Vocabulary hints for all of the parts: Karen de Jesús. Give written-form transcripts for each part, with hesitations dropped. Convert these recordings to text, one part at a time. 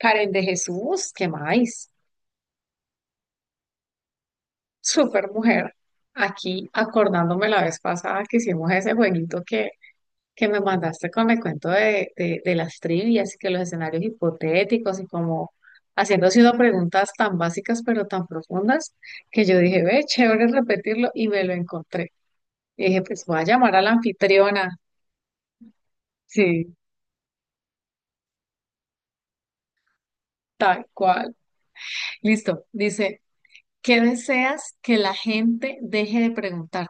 Karen de Jesús, ¿qué más? Super mujer. Aquí acordándome la vez pasada que hicimos ese jueguito que me mandaste con el cuento de las trivias y que los escenarios hipotéticos y como haciéndose unas preguntas tan básicas pero tan profundas que yo dije, ve, chévere repetirlo y me lo encontré. Y dije, pues voy a llamar a la anfitriona. Sí, tal cual. Listo. Dice, ¿qué deseas que la gente deje de preguntar?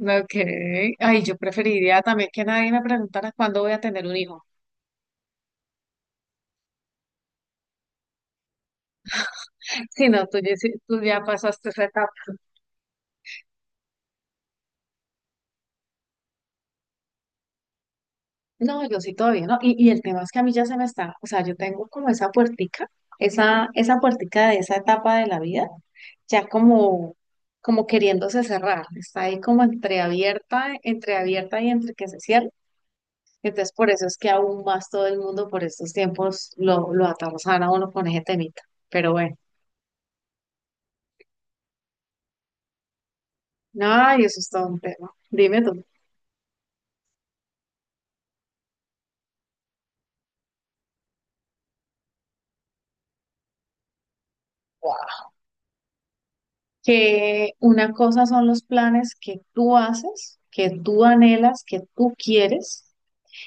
Ok. Ay, yo preferiría también que nadie me preguntara cuándo voy a tener un hijo. Si no, tú ya, tú ya pasaste esa etapa. No, yo sí todavía no. Y el tema es que a mí ya se me está, o sea, yo tengo como esa puertica, esa puertica de esa etapa de la vida, ya como, como queriéndose cerrar. Está ahí como entreabierta, entreabierta y entre que se cierra. Entonces, por eso es que aún más todo el mundo por estos tiempos lo atarzana a uno con ese temita. Pero bueno, no, y eso es todo un tema. Dime tú. Que una cosa son los planes que tú haces, que tú anhelas, que tú quieres,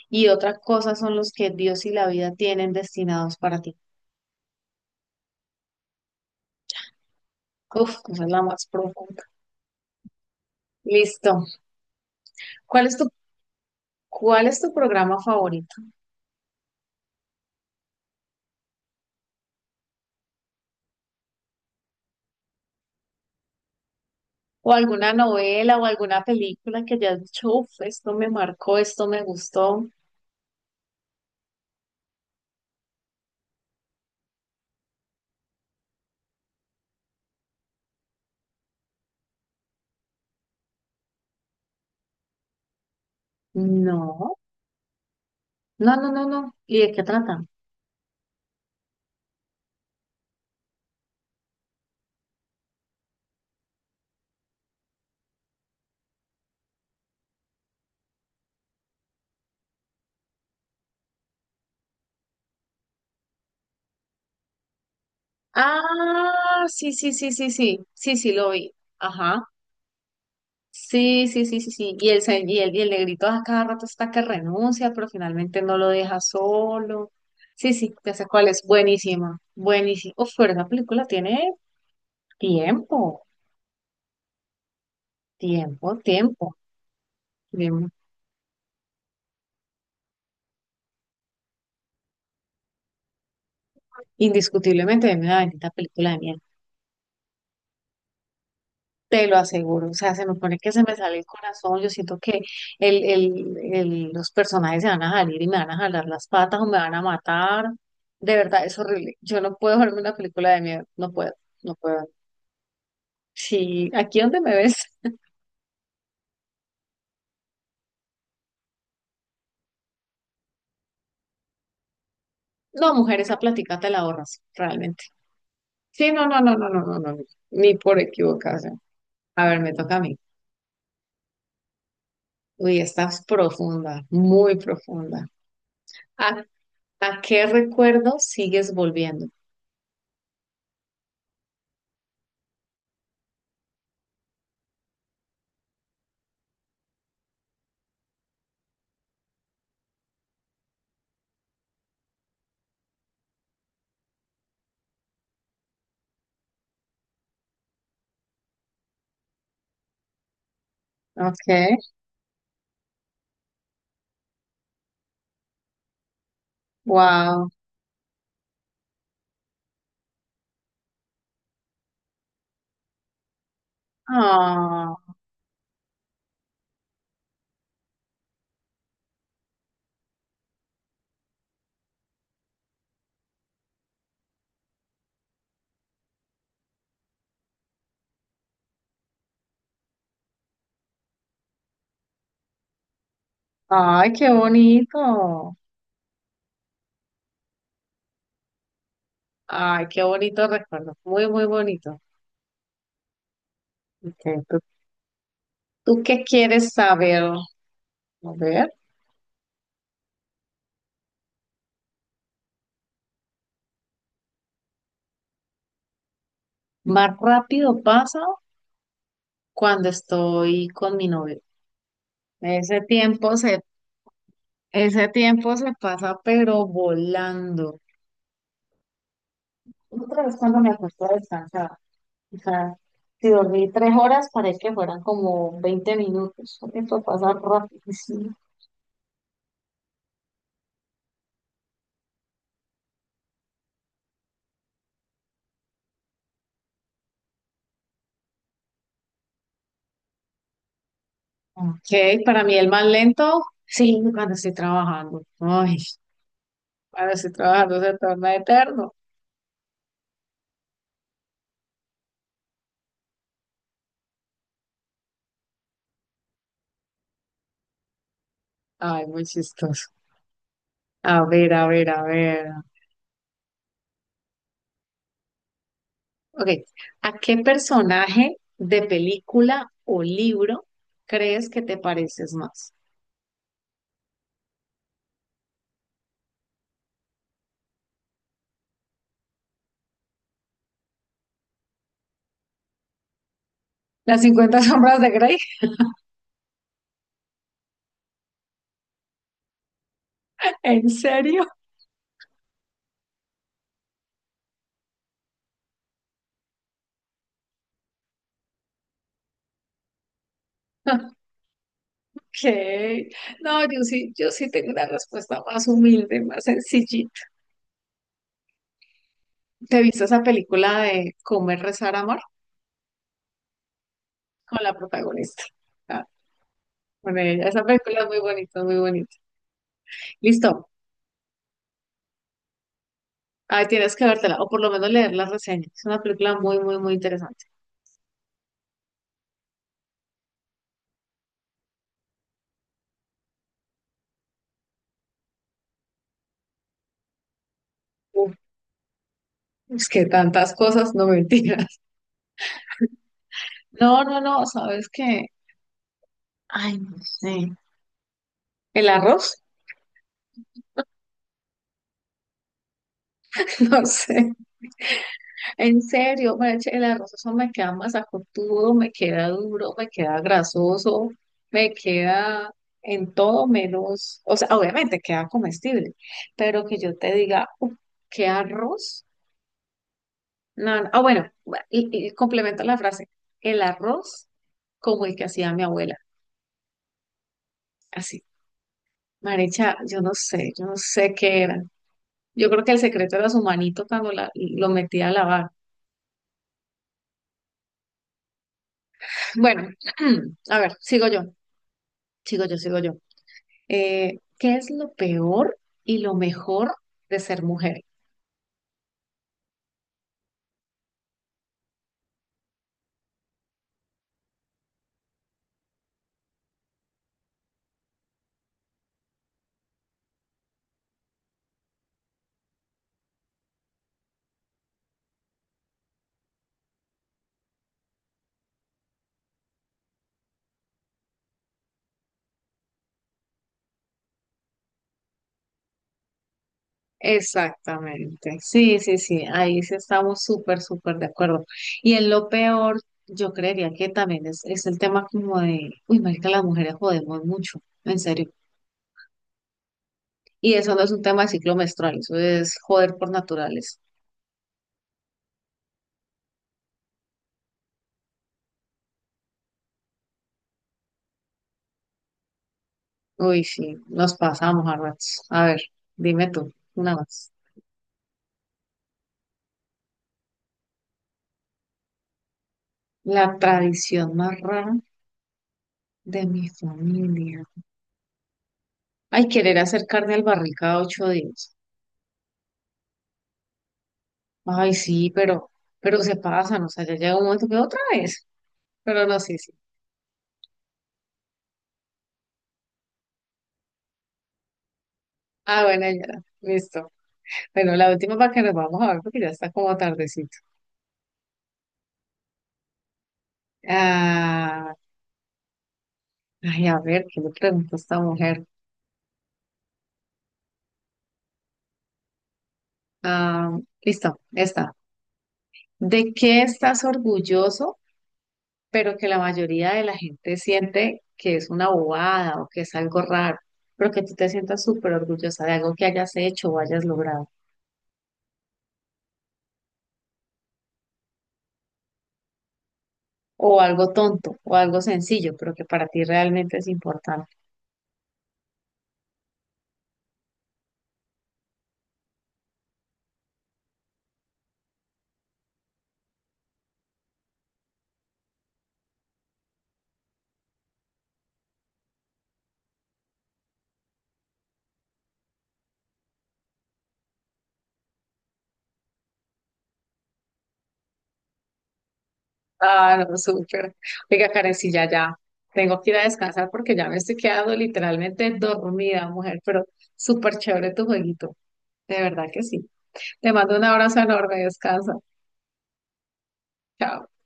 y otra cosa son los que Dios y la vida tienen destinados para ti. Uf, esa es la más profunda. Listo. ¿Cuál es cuál es tu programa favorito? ¿O alguna novela o alguna película que hayas dicho, uf, esto me marcó, esto me gustó? No, no, no, no, no. ¿Y de qué trata? Ah, sí, sí, sí, sí, sí, sí, sí, lo vi. Ajá. Sí, sí, sí, sí, sí. Y y el negrito a cada rato está que renuncia, pero finalmente no lo deja solo. Sí, sí, ya sé cuál es. Buenísima, buenísima. Uf, pero esa película tiene tiempo, tiempo, tiempo. Bien, indiscutiblemente es una bendita película de miel. Te lo aseguro. O sea, se me pone que se me sale el corazón. Yo siento que los personajes se van a salir y me van a jalar las patas o me van a matar. De verdad, es horrible. Yo no puedo verme una película de miedo. No puedo. No puedo. Sí, aquí donde me ves. No, mujer, esa plática te la ahorras, realmente. Sí, no, no, no, no, no, no, no, no, ni por equivocación. A ver, me toca a mí. Uy, estás profunda, muy profunda. ¿A, ¿A qué recuerdo sigues volviendo? Ok, wow. Ah, ay, qué bonito. Ay, qué bonito recuerdo. Muy, muy bonito. Ok, ¿tú qué quieres saber? A ver, más rápido pasa cuando estoy con mi novio. Ese tiempo se, Ese tiempo se pasa pero volando. Otra vez cuando me acosté a descansar, o sea, si dormí 3 horas, parece que fueran como 20 minutos. Eso pasa rapidísimo. Ok, para mí el más lento, sí, cuando estoy trabajando. Ay, cuando estoy trabajando se torna eterno. Ay, muy chistoso. A ver, a ver, a ver. Ok, ¿a qué personaje de película o libro crees que te pareces más? Las 50 sombras de Grey, ¿en serio? Ok. No, yo sí tengo una respuesta más humilde, más sencillita. ¿Te viste esa película de Comer, Rezar, Amor? Con la protagonista. Ah, con ella. Esa película es muy bonita, muy bonita. Listo. Ahí tienes que vértela, o por lo menos leer las reseñas. Es una película muy, muy, muy interesante. Uf, es que tantas cosas, no mentiras. No, no, no, ¿sabes qué? Ay, no sé. ¿El arroz? No sé. En serio, mariachi, el arroz eso me queda masacotudo, me queda duro, me queda grasoso, me queda en todo menos, o sea, obviamente queda comestible, pero que yo te diga, "Uf, ¿qué arroz? No, no. Ah, bueno, y complemento la frase, el arroz como el que hacía mi abuela, así. Marecha, yo no sé qué era. Yo creo que el secreto era su manito cuando lo metía a lavar. Bueno, a ver, sigo yo. ¿Qué es lo peor y lo mejor de ser mujer? Exactamente. Sí, sí, sí. Ahí sí estamos súper, súper de acuerdo. Y en lo peor, yo creería que también es el tema como de, uy, marica, las mujeres jodemos mucho, en serio. Y eso no es un tema de ciclo menstrual, eso es joder por naturales. Uy, sí, nos pasamos a ratos. A ver, dime tú, una más. La tradición más rara de mi familia. Ay, querer hacer carne al barril cada 8 días. Ay, sí, pero se pasan, o sea, ya llega un momento que otra vez. Pero no, sí, sí. Ah, bueno, ya, listo. Bueno, la última para que nos vamos a ver porque ya está como tardecito. Ah, ay, a ver, ¿qué le pregunto a esta mujer? Ah, listo, esta. ¿De qué estás orgulloso, pero que la mayoría de la gente siente que es una bobada o que es algo raro, pero que tú te sientas súper orgullosa de algo que hayas hecho o hayas logrado? O algo tonto, o algo sencillo, pero que para ti realmente es importante. Ah, no, súper. Oiga, Karencilla, ya tengo que ir a descansar porque ya me estoy quedando literalmente dormida, mujer, pero súper chévere tu jueguito. De verdad que sí. Te mando un abrazo enorme, descansa. Chao.